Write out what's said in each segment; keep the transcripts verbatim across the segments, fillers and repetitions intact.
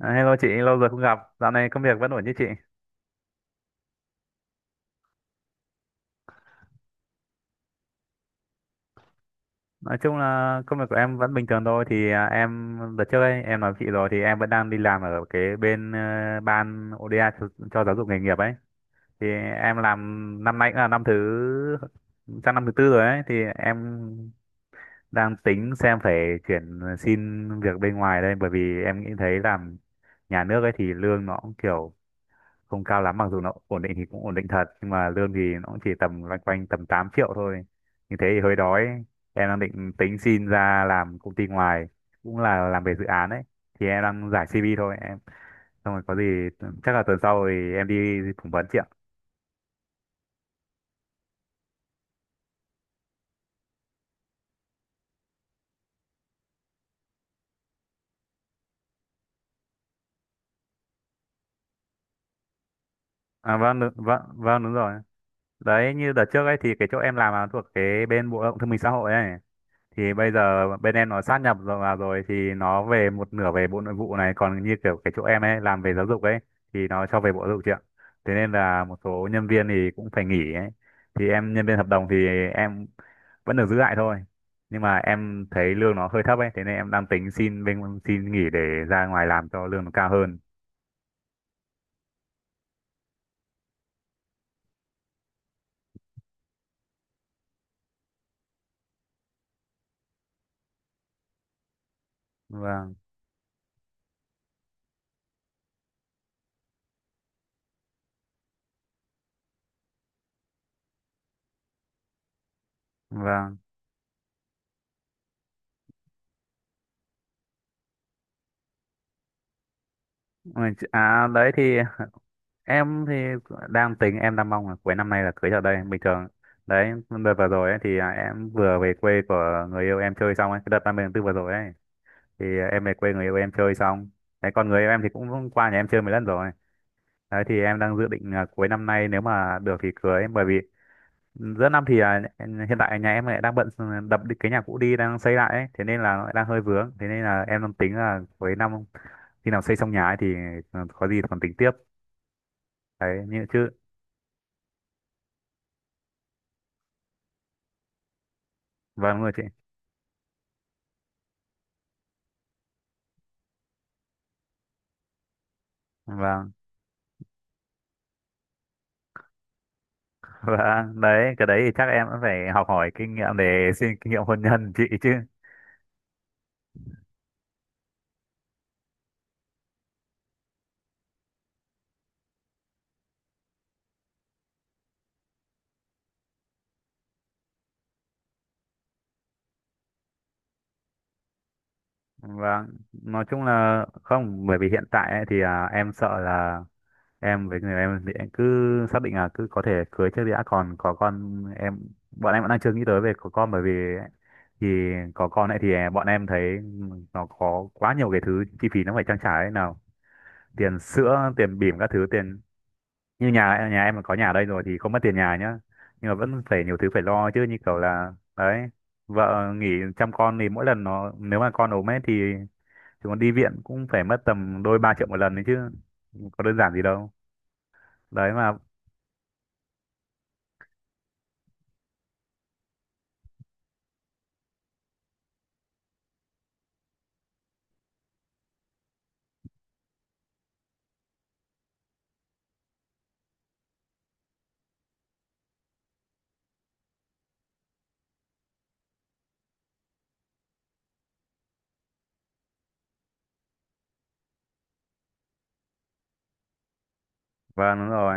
À, Hello chị, lâu rồi không gặp. Dạo này công việc vẫn ổn chứ chị? Nói chung là công việc của em vẫn bình thường thôi. Thì à, em đợt trước ấy, em nói với chị rồi thì em vẫn đang đi làm ở cái bên ờ, ban ô đê a cho, cho giáo dục nghề nghiệp ấy. Thì em làm năm nay cũng là năm thứ sang năm thứ tư rồi ấy. Thì em đang tính xem phải chuyển xin việc bên ngoài đây, bởi vì em nghĩ thấy làm nhà nước ấy thì lương nó cũng kiểu không cao lắm, mặc dù nó ổn định thì cũng ổn định thật, nhưng mà lương thì nó cũng chỉ tầm loanh quanh tầm tám triệu thôi, như thế thì hơi đói. Em đang định tính xin ra làm công ty ngoài, cũng là làm về dự án ấy. Thì em đang giải xê vê thôi, em xong rồi có gì chắc là tuần sau thì em đi phỏng vấn chị ạ. À, vâng đúng- vâng vâng đúng rồi. Đấy như đợt trước ấy thì cái chỗ em làm là thuộc cái bên bộ lao động thương binh xã hội ấy, thì bây giờ bên em nó sát nhập rồi vào rồi, thì nó về một nửa về bộ nội vụ này, còn như kiểu cái chỗ em ấy làm về giáo dục ấy thì nó cho về bộ giáo dục chị ạ. Thế nên là một số nhân viên thì cũng phải nghỉ ấy, thì em nhân viên hợp đồng thì em vẫn được giữ lại thôi, nhưng mà em thấy lương nó hơi thấp ấy, thế nên em đang tính xin bên, xin nghỉ để ra ngoài làm cho lương nó cao hơn. Vâng vâng. Ừ, chị- à đấy thì em thì đang tính, em đang mong là cuối năm nay là cưới ở đây bình thường. Đấy đợt vừa rồi ấy, thì à, em vừa về quê của người yêu em chơi xong ấy, cái đợt ba mươi tháng tư vừa rồi ấy. Thì em về quê người yêu em chơi xong. Đấy, còn người yêu em thì cũng qua nhà em chơi mấy lần rồi. Đấy thì em đang dự định là cuối năm nay, nếu mà được thì cưới, bởi vì giữa năm thì à, hiện tại nhà em lại đang bận, ừ, đập đi- cái nhà cũ đi đang xây lại ấy, thế nên là nó lại đang hơi vướng, thế nên là em đang tính là cuối năm khi nào xây xong nhà ấy thì ừ, có gì còn tính tiếp. Đấy như chứ. Vâng đúng rồi chị. Vâng. Vâng, đấy, cái đấy thì chắc em cũng phải học hỏi kinh nghiệm để xin kinh nghiệm hôn nhân chị chứ. Vâng, nói chung là không, bởi vì hiện tại ấy, thì à, em sợ là em với người em thì em cứ xác định là cứ có thể cưới trước đã, còn có con em, bọn em vẫn đang chưa nghĩ tới về có con, bởi vì ấy, thì có con ấy thì à, bọn em thấy nó có quá nhiều cái thứ chi phí nó phải trang trải ấy, nào tiền sữa tiền bỉm các thứ tiền, như nhà nhà em mà có nhà ở đây rồi thì không mất tiền nhà nhá. Nhưng mà vẫn phải nhiều thứ phải lo chứ, như kiểu là đấy, vợ nghỉ chăm con thì mỗi lần nó, nếu mà con ốm ấy thì chúng nó đi viện cũng phải mất tầm đôi ba triệu một lần đấy chứ, có đơn giản gì đâu. Đấy mà. Vâng đúng rồi,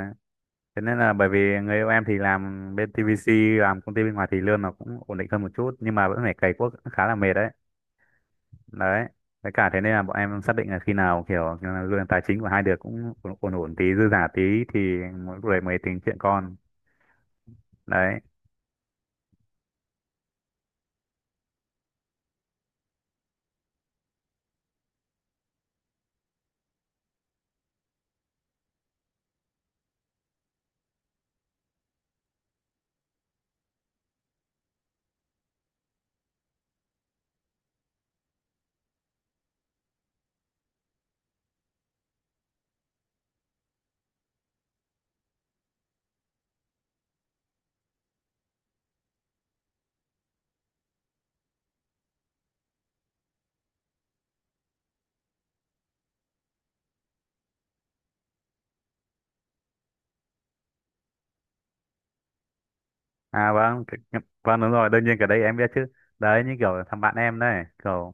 thế nên là bởi vì người yêu em thì làm bên tê vê xê, làm công ty bên ngoài thì lương nó cũng ổn định hơn một chút, nhưng mà vẫn phải cày cuốc khá là mệt đấy. Đấy, với cả thế nên là bọn em xác định là khi nào kiểu như là lương tài chính của hai đứa cũng ổn ổn ổn tí, dư giả tí thì mỗi người mới tính chuyện con. Đấy. À, vâng, cái- vâng đúng rồi, đương nhiên cái đấy em biết chứ. Đấy như kiểu thằng bạn em đấy, kiểu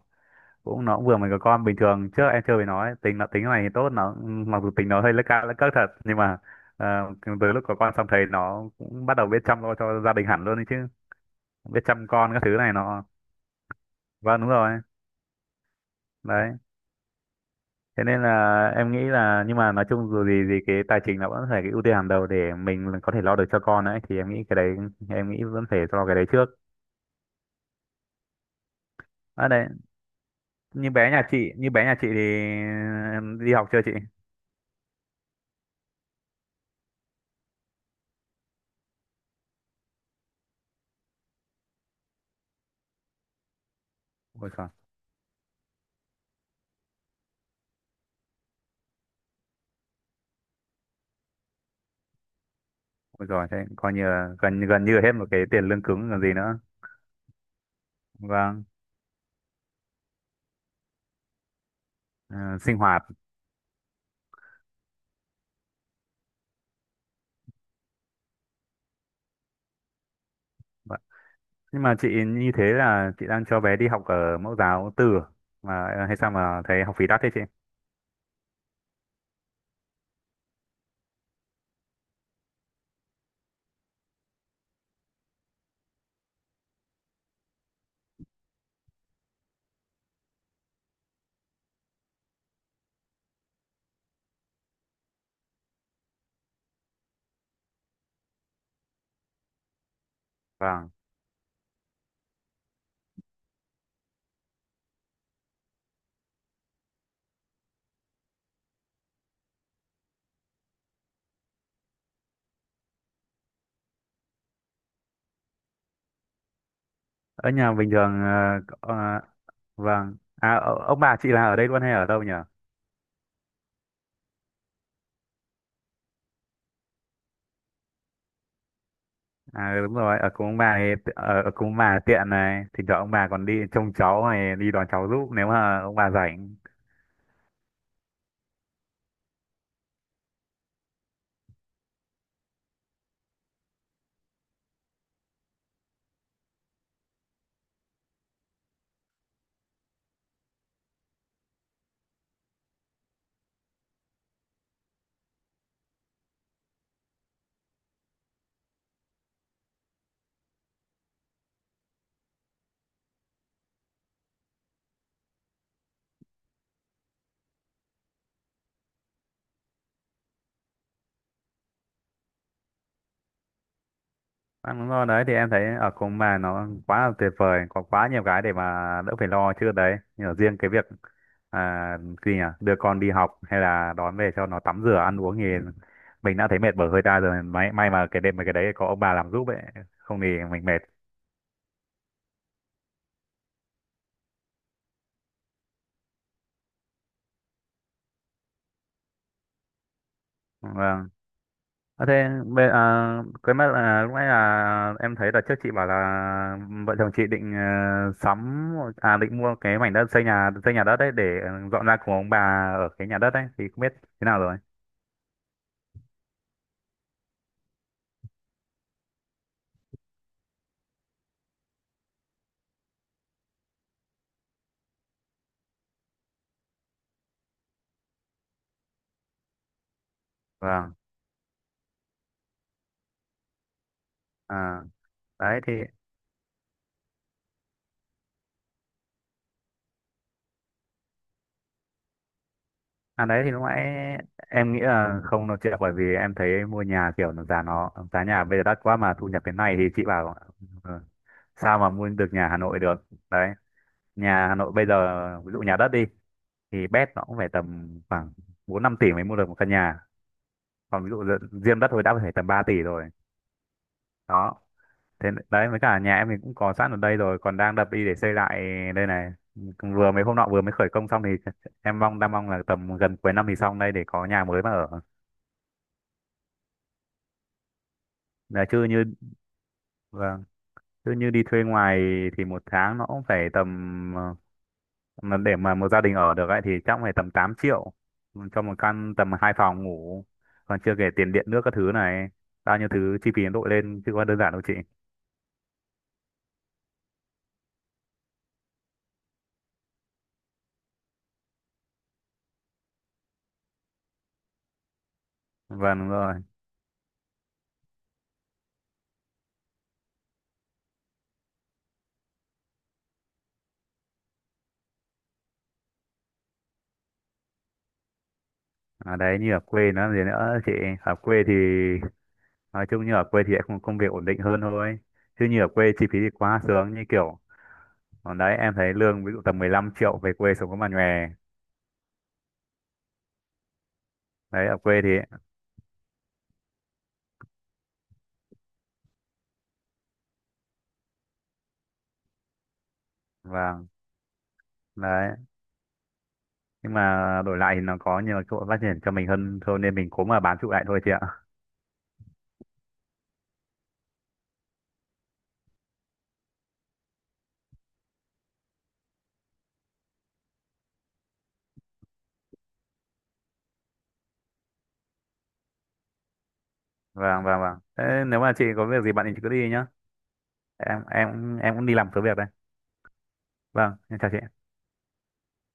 cũng nó cũng vừa mới có con, bình thường trước em chưa với nó ấy, tính nó, tính này thì tốt nó, mặc dù tính nó hơi lấc ca lấc cấc thật, nhưng mà ờ, từ lúc có con xong thấy nó cũng bắt đầu biết chăm lo cho gia đình hẳn luôn đấy chứ, biết chăm con các thứ này nó. Vâng đúng rồi. Đấy thế nên là em nghĩ là, nhưng mà nói chung dù gì gì cái tài chính là vẫn phải cái ưu tiên hàng đầu để mình có thể lo được cho con ấy, thì em nghĩ cái đấy, em nghĩ vẫn phải lo cái đấy trước. À đấy, như bé nhà chị như bé nhà chị thì em đi học chưa chị? Ôi trời, ôi trời, thế coi như là gần gần như là hết một cái tiền lương cứng còn gì nữa. Vâng. ờ, Sinh hoạt. Vâng. Nhưng mà chị như thế là chị đang cho bé đi học ở mẫu giáo tư à? Mà hay sao mà thấy học phí đắt thế chị? Vâng, ở nhà bình thường. ờ, ờ, Vâng. À, ờ, ông bà chị là ở đây luôn hay ở đâu nhỉ? À đúng rồi, ở cùng ông bà thì, ở, ở cùng ông bà tiện này, thỉnh thoảng ông bà còn đi trông cháu này, đi đón cháu giúp nếu mà ông bà rảnh. Vâng, đúng rồi đấy, thì em thấy ở cùng ông bà nó quá là tuyệt vời, có quá nhiều cái để mà đỡ phải lo chứ đấy. Nhưng mà riêng cái việc à, gì nhỉ? Đưa con đi học hay là đón về cho nó tắm rửa ăn uống thì mình đã thấy mệt bở hơi ta rồi. May may mà cái đêm mà cái đấy có ông bà làm giúp ấy, không thì mình mệt. Vâng. À, thế bây- à, cái mất là lúc nãy là em thấy là trước chị bảo là vợ chồng chị định, ờ, sắm, à định mua cái mảnh đất xây nhà, xây nhà đất đấy để ờ, dọn ra cùng ông bà, ở cái nhà đất đấy thì không biết thế nào rồi. Vâng. À, đấy thì, à đấy thì lúc nãy em nghĩ là không nói chuyện, bởi vì em thấy mua nhà kiểu nó, giá nó giá nhà bây giờ đắt quá mà thu nhập thế này thì chị bảo ờ, sao mà mua được nhà Hà Nội được. Đấy, nhà Hà Nội bây giờ, ví dụ nhà đất đi, thì bét nó cũng phải tầm khoảng bốn năm tỷ mới mua được một căn nhà, còn ví dụ dự- riêng đất thôi đã phải tầm ba tỷ rồi. Đó, thế đấy với cả nhà em mình cũng có sẵn ở đây rồi, còn đang đập đi để xây lại đây này, vừa mấy hôm nọ vừa mới khởi công xong thì em mong đang mong là tầm gần cuối năm thì xong đây để có nhà mới mà ở. Là chứ như Vâng, chứ như đi thuê ngoài thì một tháng nó cũng phải tầm, ờ, mà để mà một gia đình ở được ấy thì chắc phải tầm tám triệu cho một căn tầm hai phòng ngủ, còn chưa kể tiền điện nước các thứ này, bao nhiêu thứ chi phí nó đội lên chứ có đơn giản đâu chị. Vâng đúng rồi. À, đấy như ở quê nó gì nữa chị, ở quê thì nói chung, như ở quê thì lại không, công việc ổn định hơn thôi, chứ như ở quê chi phí thì quá sướng, như kiểu còn đấy em thấy lương ví dụ tầm mười lăm triệu về quê sống có mà nhòe. Đấy ở quê thì, vâng đấy, nhưng mà đổi lại thì nó có nhiều cơ hội phát triển cho mình hơn thôi nên mình cố mà bám trụ lại thôi chị ạ. Vâng vâng vâng. Thế nếu mà chị có việc gì bạn thì chị cứ đi nhá, em em em cũng đi làm số việc đây. Vâng, em chào chị.